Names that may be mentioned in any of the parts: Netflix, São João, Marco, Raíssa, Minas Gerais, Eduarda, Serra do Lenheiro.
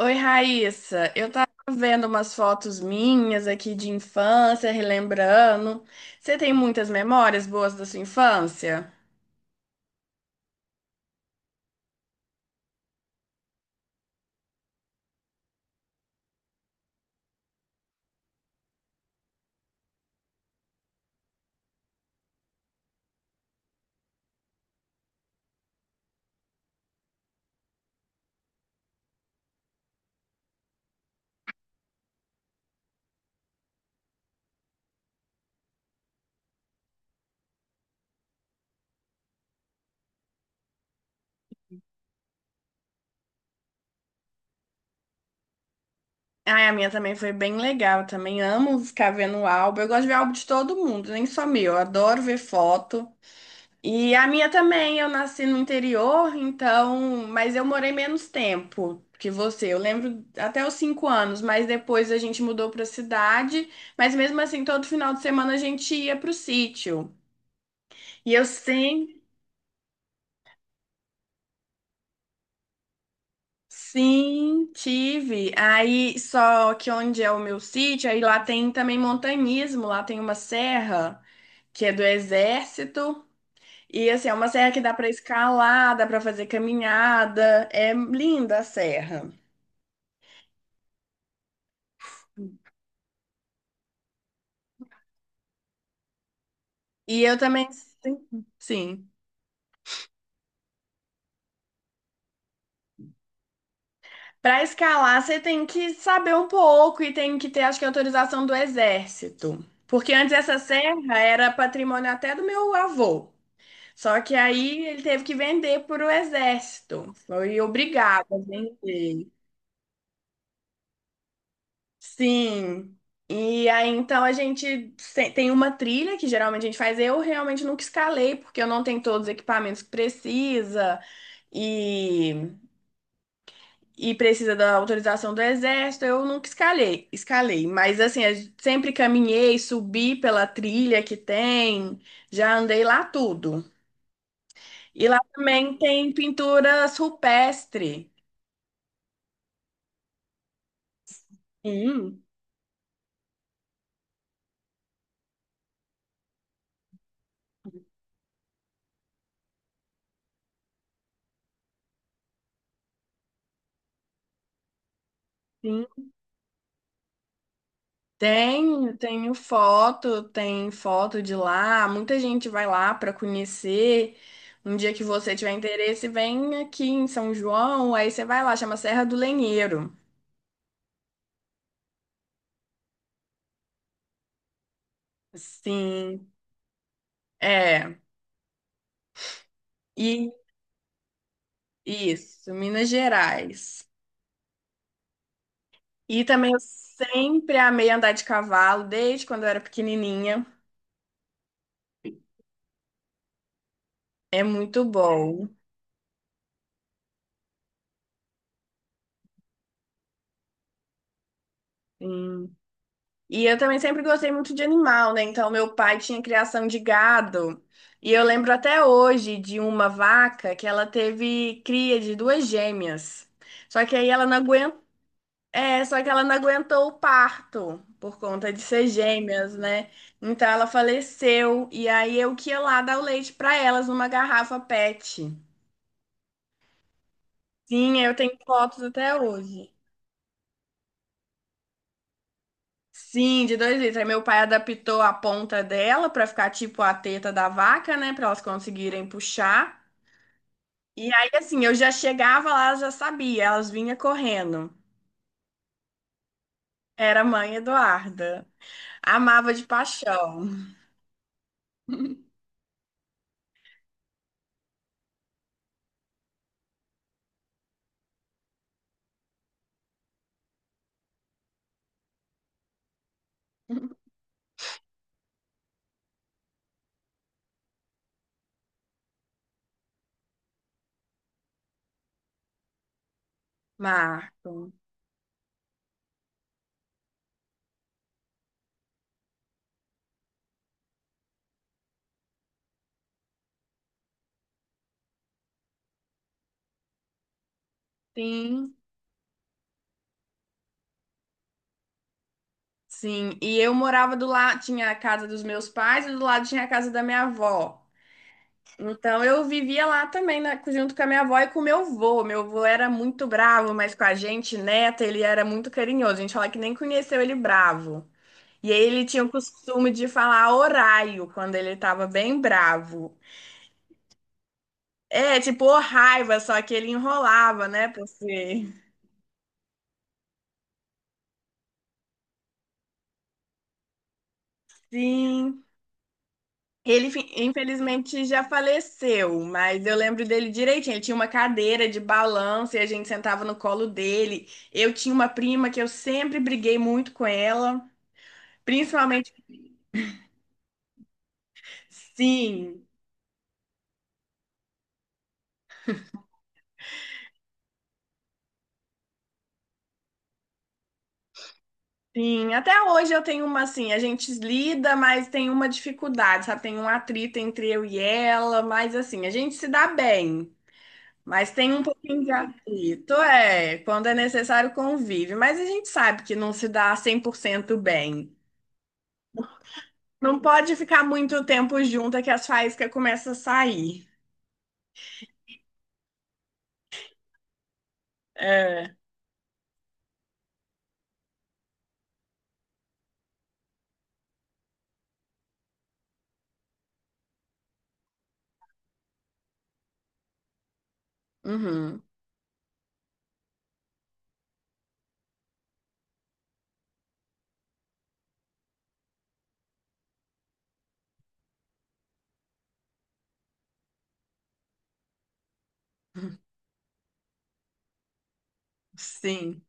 Oi, Raíssa. Eu tava vendo umas fotos minhas aqui de infância, relembrando. Você tem muitas memórias boas da sua infância? Ai, a minha também foi bem legal. Eu também amo ficar vendo o álbum. Eu gosto de ver álbum de todo mundo, nem só meu. Eu adoro ver foto. E a minha também. Eu nasci no interior, então. Mas eu morei menos tempo que você. Eu lembro até os 5 anos, mas depois a gente mudou para cidade. Mas mesmo assim, todo final de semana a gente ia pro sítio. E eu sempre, sim, tive. Aí, só que onde é o meu sítio, aí lá tem também montanhismo, lá tem uma serra que é do exército. E assim, é uma serra que dá pra escalar, dá pra fazer caminhada. É linda a serra. E eu também, sim. Sim. Para escalar, você tem que saber um pouco e tem que ter, acho que, autorização do exército. Porque antes essa serra era patrimônio até do meu avô. Só que aí ele teve que vender para o exército. Foi obrigado a vender. Sim. E aí então a gente se- tem uma trilha que geralmente a gente faz. Eu realmente nunca escalei, porque eu não tenho todos os equipamentos que precisa e, e precisa da autorização do exército. Eu nunca escalei. Mas assim, eu sempre caminhei, subi pela trilha que tem, já andei lá tudo. E lá também tem pinturas rupestres. Sim, sim. Tenho, tenho foto, tem foto de lá. Muita gente vai lá para conhecer. Um dia que você tiver interesse, vem aqui em São João, aí você vai lá, chama Serra do Lenheiro. Sim, é. E isso, Minas Gerais. E também eu sempre amei andar de cavalo, desde quando eu era pequenininha. É muito bom. E eu também sempre gostei muito de animal, né? Então, meu pai tinha criação de gado. E eu lembro até hoje de uma vaca que ela teve cria de duas gêmeas. Só que aí ela não aguentou, é, só que ela não aguentou o parto por conta de ser gêmeas, né? Então ela faleceu e aí eu que ia lá dar o leite para elas numa garrafa PET. Sim, eu tenho fotos até hoje. Sim, de 2 litros. Aí meu pai adaptou a ponta dela pra ficar tipo a teta da vaca, né? Pra elas conseguirem puxar. E aí, assim, eu já chegava lá, eu já sabia, elas vinham correndo. Era a mãe Eduarda. Amava de paixão. Marco. Sim, sim. E eu morava do lado, tinha a casa dos meus pais e do lado tinha a casa da minha avó. Então, eu vivia lá também, né, junto com a minha avó e com o meu avô. Meu avô era muito bravo, mas com a gente, neta, ele era muito carinhoso. A gente fala que nem conheceu ele bravo. E aí ele tinha o costume de falar oraio quando ele estava bem bravo. É, tipo, ô raiva, só que ele enrolava, né, por ser. Sim. Infelizmente, já faleceu, mas eu lembro dele direitinho. Ele tinha uma cadeira de balanço e a gente sentava no colo dele. Eu tinha uma prima que eu sempre briguei muito com ela, principalmente. Sim, sim. Até hoje eu tenho uma assim, a gente lida, mas tem uma dificuldade, sabe? Tem um atrito entre eu e ela, mas assim, a gente se dá bem. Mas tem um pouquinho de atrito, é, quando é necessário convive. Mas a gente sabe que não se dá 100% bem. Não pode ficar muito tempo junto é que as faíscas começam a sair. É. Uhum. Sim.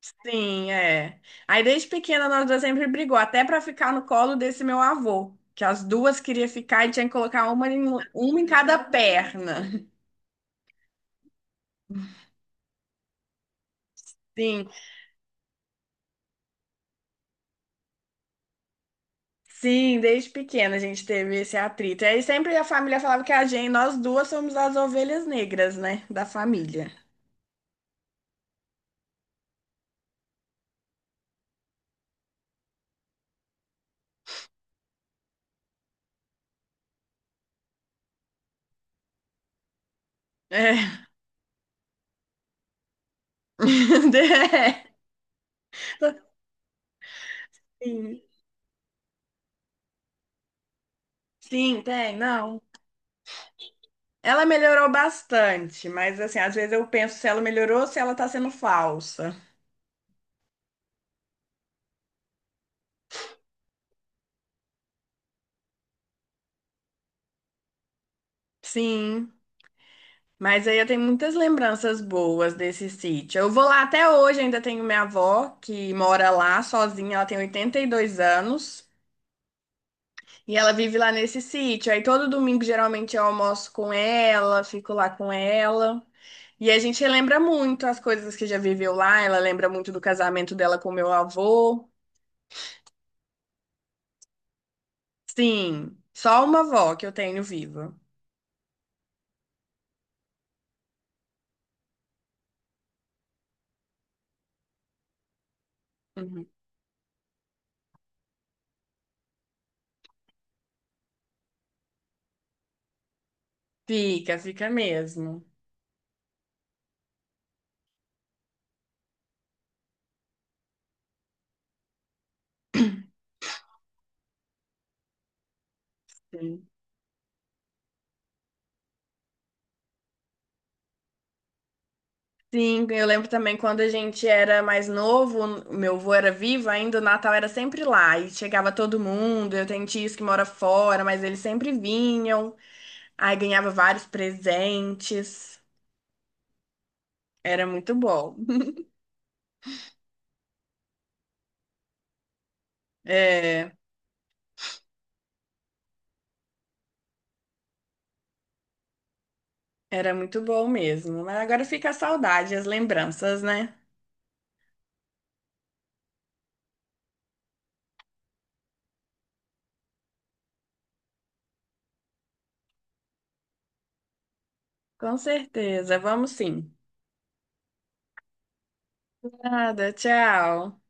Sim, é. Aí desde pequena nós duas sempre brigou, até pra ficar no colo desse meu avô, que as duas queriam ficar e tinha que colocar uma em cada perna. Sim, sim, desde pequena a gente teve esse atrito. E aí sempre a família falava que a gente, nós duas somos as ovelhas negras, né, da família. É. É. Sim, sim, tem, não. Ela melhorou bastante, mas assim, às vezes eu penso se ela melhorou ou se ela tá sendo falsa. Sim, mas aí eu tenho muitas lembranças boas desse sítio. Eu vou lá até hoje, ainda tenho minha avó que mora lá sozinha, ela tem 82 anos e ela vive lá nesse sítio. Aí todo domingo geralmente eu almoço com ela, fico lá com ela. E a gente lembra muito as coisas que já viveu lá, ela lembra muito do casamento dela com meu avô. Sim, só uma avó que eu tenho viva. Uhum. Fica, fica mesmo. Sim. Sim, eu lembro também quando a gente era mais novo, o meu avô era vivo ainda, o Natal era sempre lá e chegava todo mundo. Eu tenho tios que mora fora, mas eles sempre vinham. Aí ganhava vários presentes. Era muito bom. É, era muito bom mesmo. Mas agora fica a saudade, as lembranças, né? Com certeza. Vamos sim. Nada, tchau.